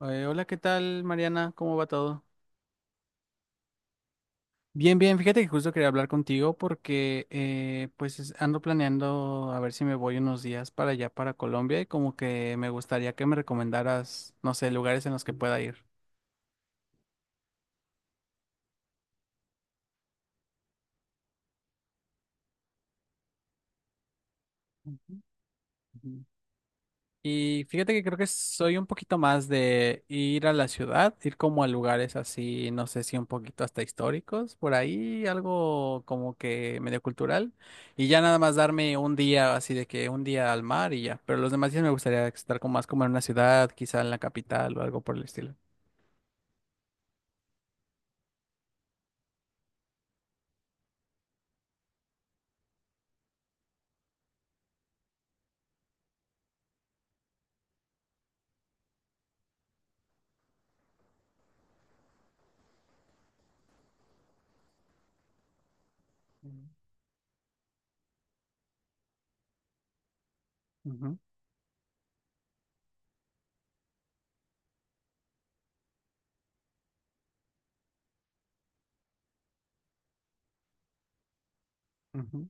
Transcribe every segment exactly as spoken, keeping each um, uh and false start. Eh, hola, ¿qué tal, Mariana? ¿Cómo va todo? Bien, bien, fíjate que justo quería hablar contigo porque eh, pues es- ando planeando a ver si me voy unos días para allá, para Colombia, y como que me gustaría que me recomendaras, no sé, lugares en los que pueda ir. Ujú, ujú. Y fíjate que creo que soy un poquito más de ir a la ciudad, ir como a lugares así, no sé si un poquito hasta históricos, por ahí, algo como que medio cultural, y ya nada más darme un día así de que un día al mar y ya, pero los demás días me gustaría estar como más como en una ciudad, quizá en la capital o algo por el estilo. Ujú, ujú.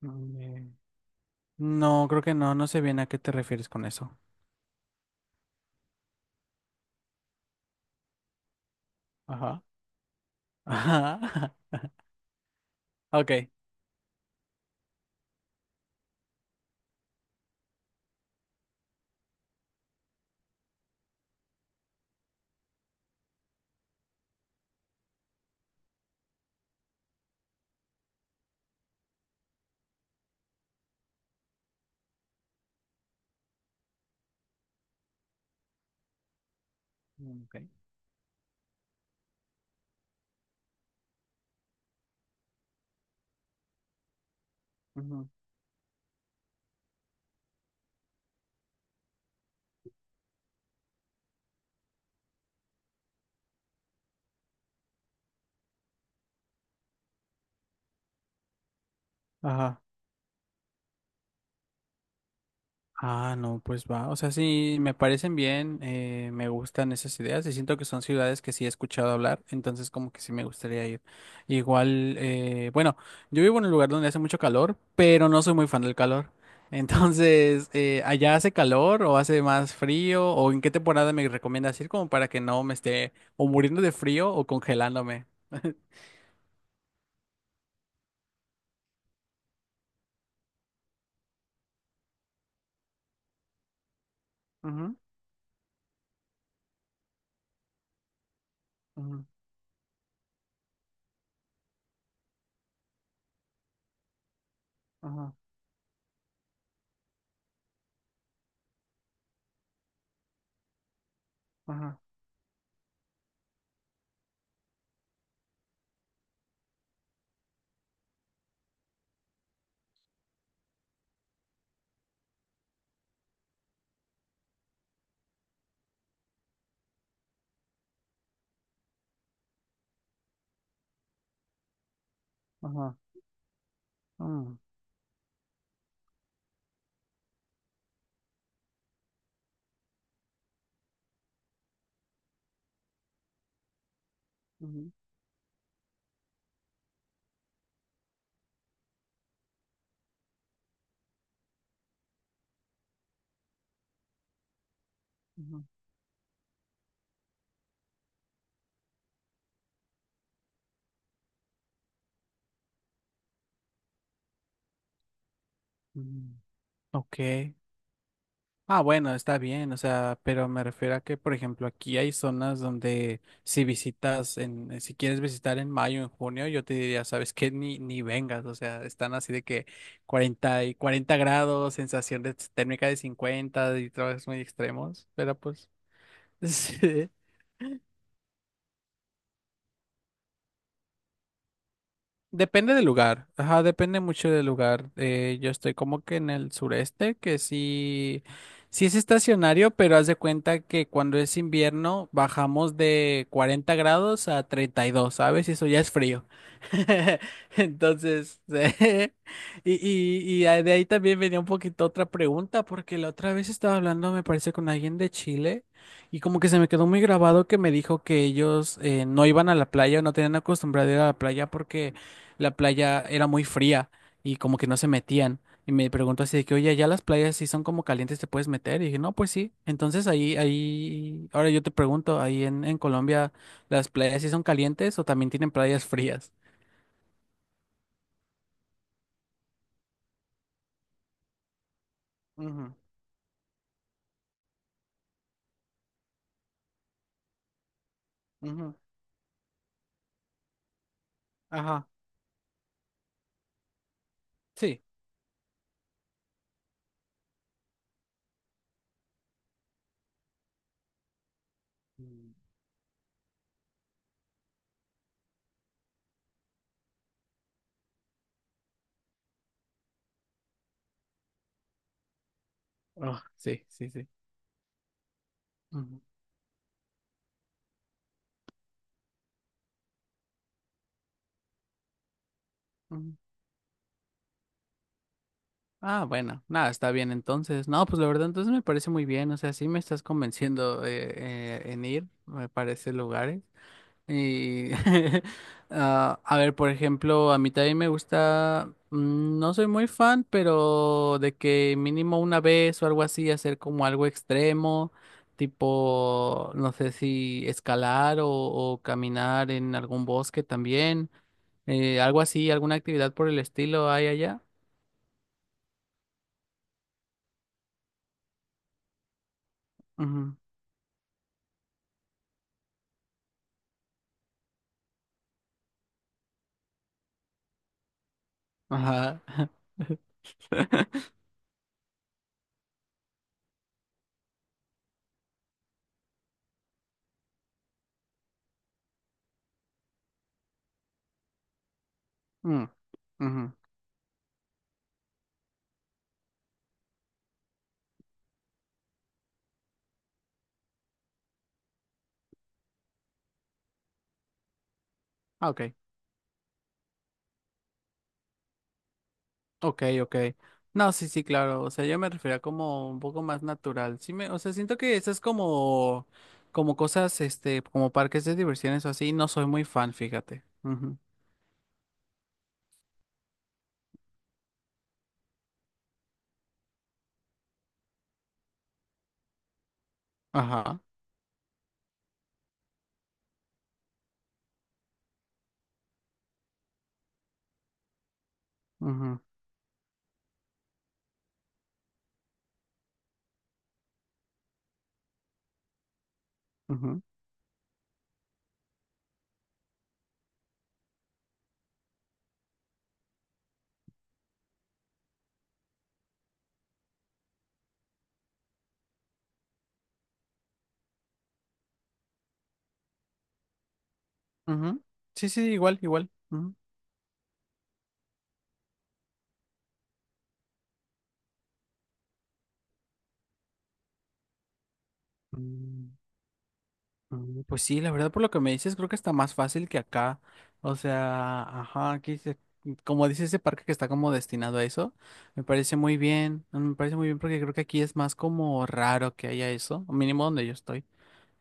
mm, eh, No, creo que no, no sé bien a qué te refieres con eso. Ajá. Ajá. Ok. Mm, ok. Ujú. Ajá. Ah, no, pues va. O sea, sí, me parecen bien, eh, me gustan esas ideas y siento que son ciudades que sí he escuchado hablar, entonces como que sí me gustaría ir. Igual, eh, bueno, yo vivo en un lugar donde hace mucho calor, pero no soy muy fan del calor. Entonces, eh, ¿allá hace calor o hace más frío? ¿O en qué temporada me recomiendas ir como para que no me esté o muriendo de frío o congelándome? Ujú, ujú, ajá, ajá, ajá, mm, ujú, ujú, mm. Ok. Ah, bueno, está bien, o sea, pero me refiero a que, por ejemplo, aquí hay zonas donde si visitas en, eh, si quieres visitar en mayo, en junio, yo te diría, sabes que ni, ni vengas, o sea, están así de que cuarenta y cuarenta grados, sensación de térmica de cincuenta, y trabajos muy extremos, pero pues, sí. Depende del lugar, ajá, depende mucho del lugar. Eh, yo estoy como que en el sureste, que sí, sí es estacionario, pero haz de cuenta que cuando es invierno bajamos de cuarenta grados a treinta y dos, ¿sabes? Y eso ya es frío. Entonces, y, y, y a- de ahí también venía un poquito otra pregunta, porque la otra vez estaba hablando, me parece, con alguien de Chile, y como que se me quedó muy grabado que me dijo que ellos eh, no iban a la playa o no tenían acostumbrado a ir a la playa porque la playa era muy fría y como que no se metían. Y me preguntó así de que, oye, ya las playas si son como calientes, ¿te puedes meter? Y dije, no, pues sí. Entonces ahí, ahí, ahora yo te pregunto, ahí en, en Colombia, ¿las playas si son calientes o también tienen playas frías? Ujú, ujú, ajá, sí. Mm. Oh, sí, sí, sí. Ujú, ujú. Ah, bueno, nada, está bien entonces. No, pues la verdad, entonces me parece muy bien. O sea, sí me estás convenciendo eh, eh, en ir, me parece lugares. Y, ah, a ver, por ejemplo, a mí también me gusta, mm, no soy muy fan, pero de que mínimo una vez o algo así, hacer como algo extremo, tipo, no sé si escalar o, o caminar en algún bosque también, eh, algo así, alguna actividad por el estilo hay allá. Ujú. Ajá. Mm, ujú. Ah, ok. Ok, ok. No, sí, sí, claro. O sea, yo me refería como un poco más natural. Sí me, o sea, siento que esas como, como cosas, este, como parques de diversiones o así, no soy muy fan, fíjate. Ujú. Ajá. Ujú, ujú, ujú. Sí, sí, igual, igual. Ujú. Mm. Mm, pues sí, la verdad por lo que me dices, creo que está más fácil que acá. O sea, ajá, aquí se- como dice ese parque que está como destinado a eso, me parece muy bien, mm, me parece muy bien porque creo que aquí es más como raro que haya eso, o mínimo donde yo estoy.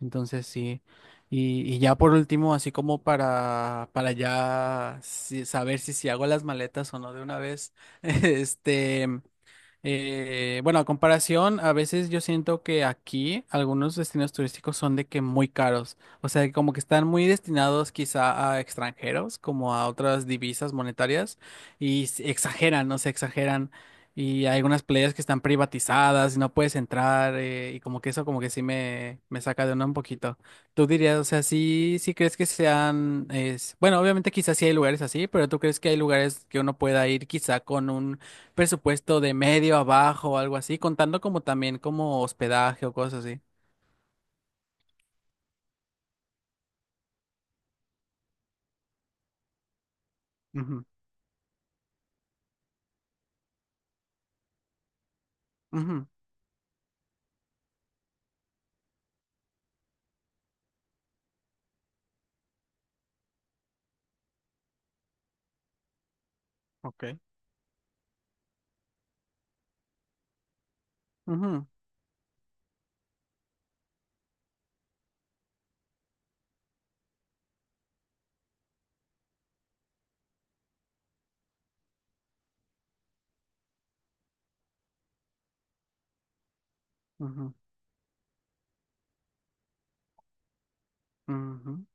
Entonces sí. Y, y ya por último, así como para, para, ya si- saber si, si hago las maletas o no de una vez, este, eh, bueno, a comparación, a veces yo siento que aquí algunos destinos turísticos son de que muy caros, o sea, como que están muy destinados quizá a extranjeros, como a otras divisas monetarias, y se exageran, no se exageran. Y hay algunas playas que están privatizadas y no puedes entrar eh, y como que eso como que sí me, me saca de onda un poquito. ¿Tú dirías, o sea, sí, sí crees que sean, es, bueno, obviamente quizás sí hay lugares así, pero ¿tú crees que hay lugares que uno pueda ir quizá con un presupuesto de medio abajo o algo así, contando como también como hospedaje o cosas así? Ujú, ujú, ok, ujú, ujú, ujú,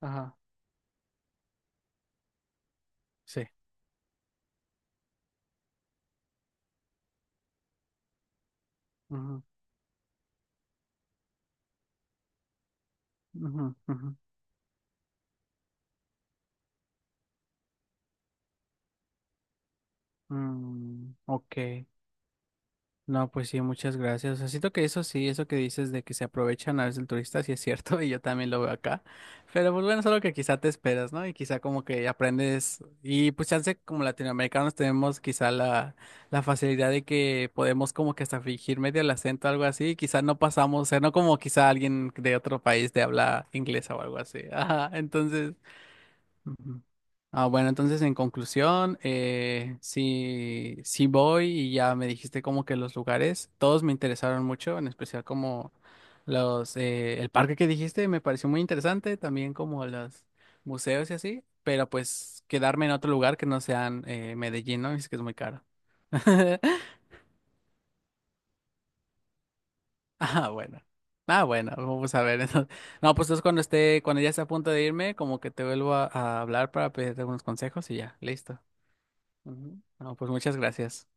ajá, sí. Ujú, ujú, ujú, mm, ok. No, pues sí, muchas gracias. O sea, siento que eso sí, eso que dices de que se aprovechan a veces el turista, sí es cierto, y yo también lo veo acá. Pero pues bueno, es algo que quizá te esperas, ¿no? Y quizá como que aprendes, y pues chance como latinoamericanos tenemos quizá la, la, facilidad de que podemos como que hasta fingir medio el acento, algo así, y quizá no pasamos, o sea, no como quizá alguien de otro país de habla inglesa o algo así. Ajá, entonces... Ujú. Ah, bueno, entonces en conclusión, eh, sí, sí voy y ya me dijiste como que los lugares, todos me interesaron mucho, en especial como los, eh, el parque que dijiste me pareció muy interesante, también como los museos y así, pero pues quedarme en otro lugar que no sean eh, Medellín, ¿no? Es que es muy caro. Ah, bueno. Ah, bueno, vamos a ver, entonces. No, pues entonces cuando esté, cuando ya esté a punto de irme, como que te vuelvo a, a, hablar para pedirte algunos consejos y ya, listo. Ujú. No, pues muchas gracias.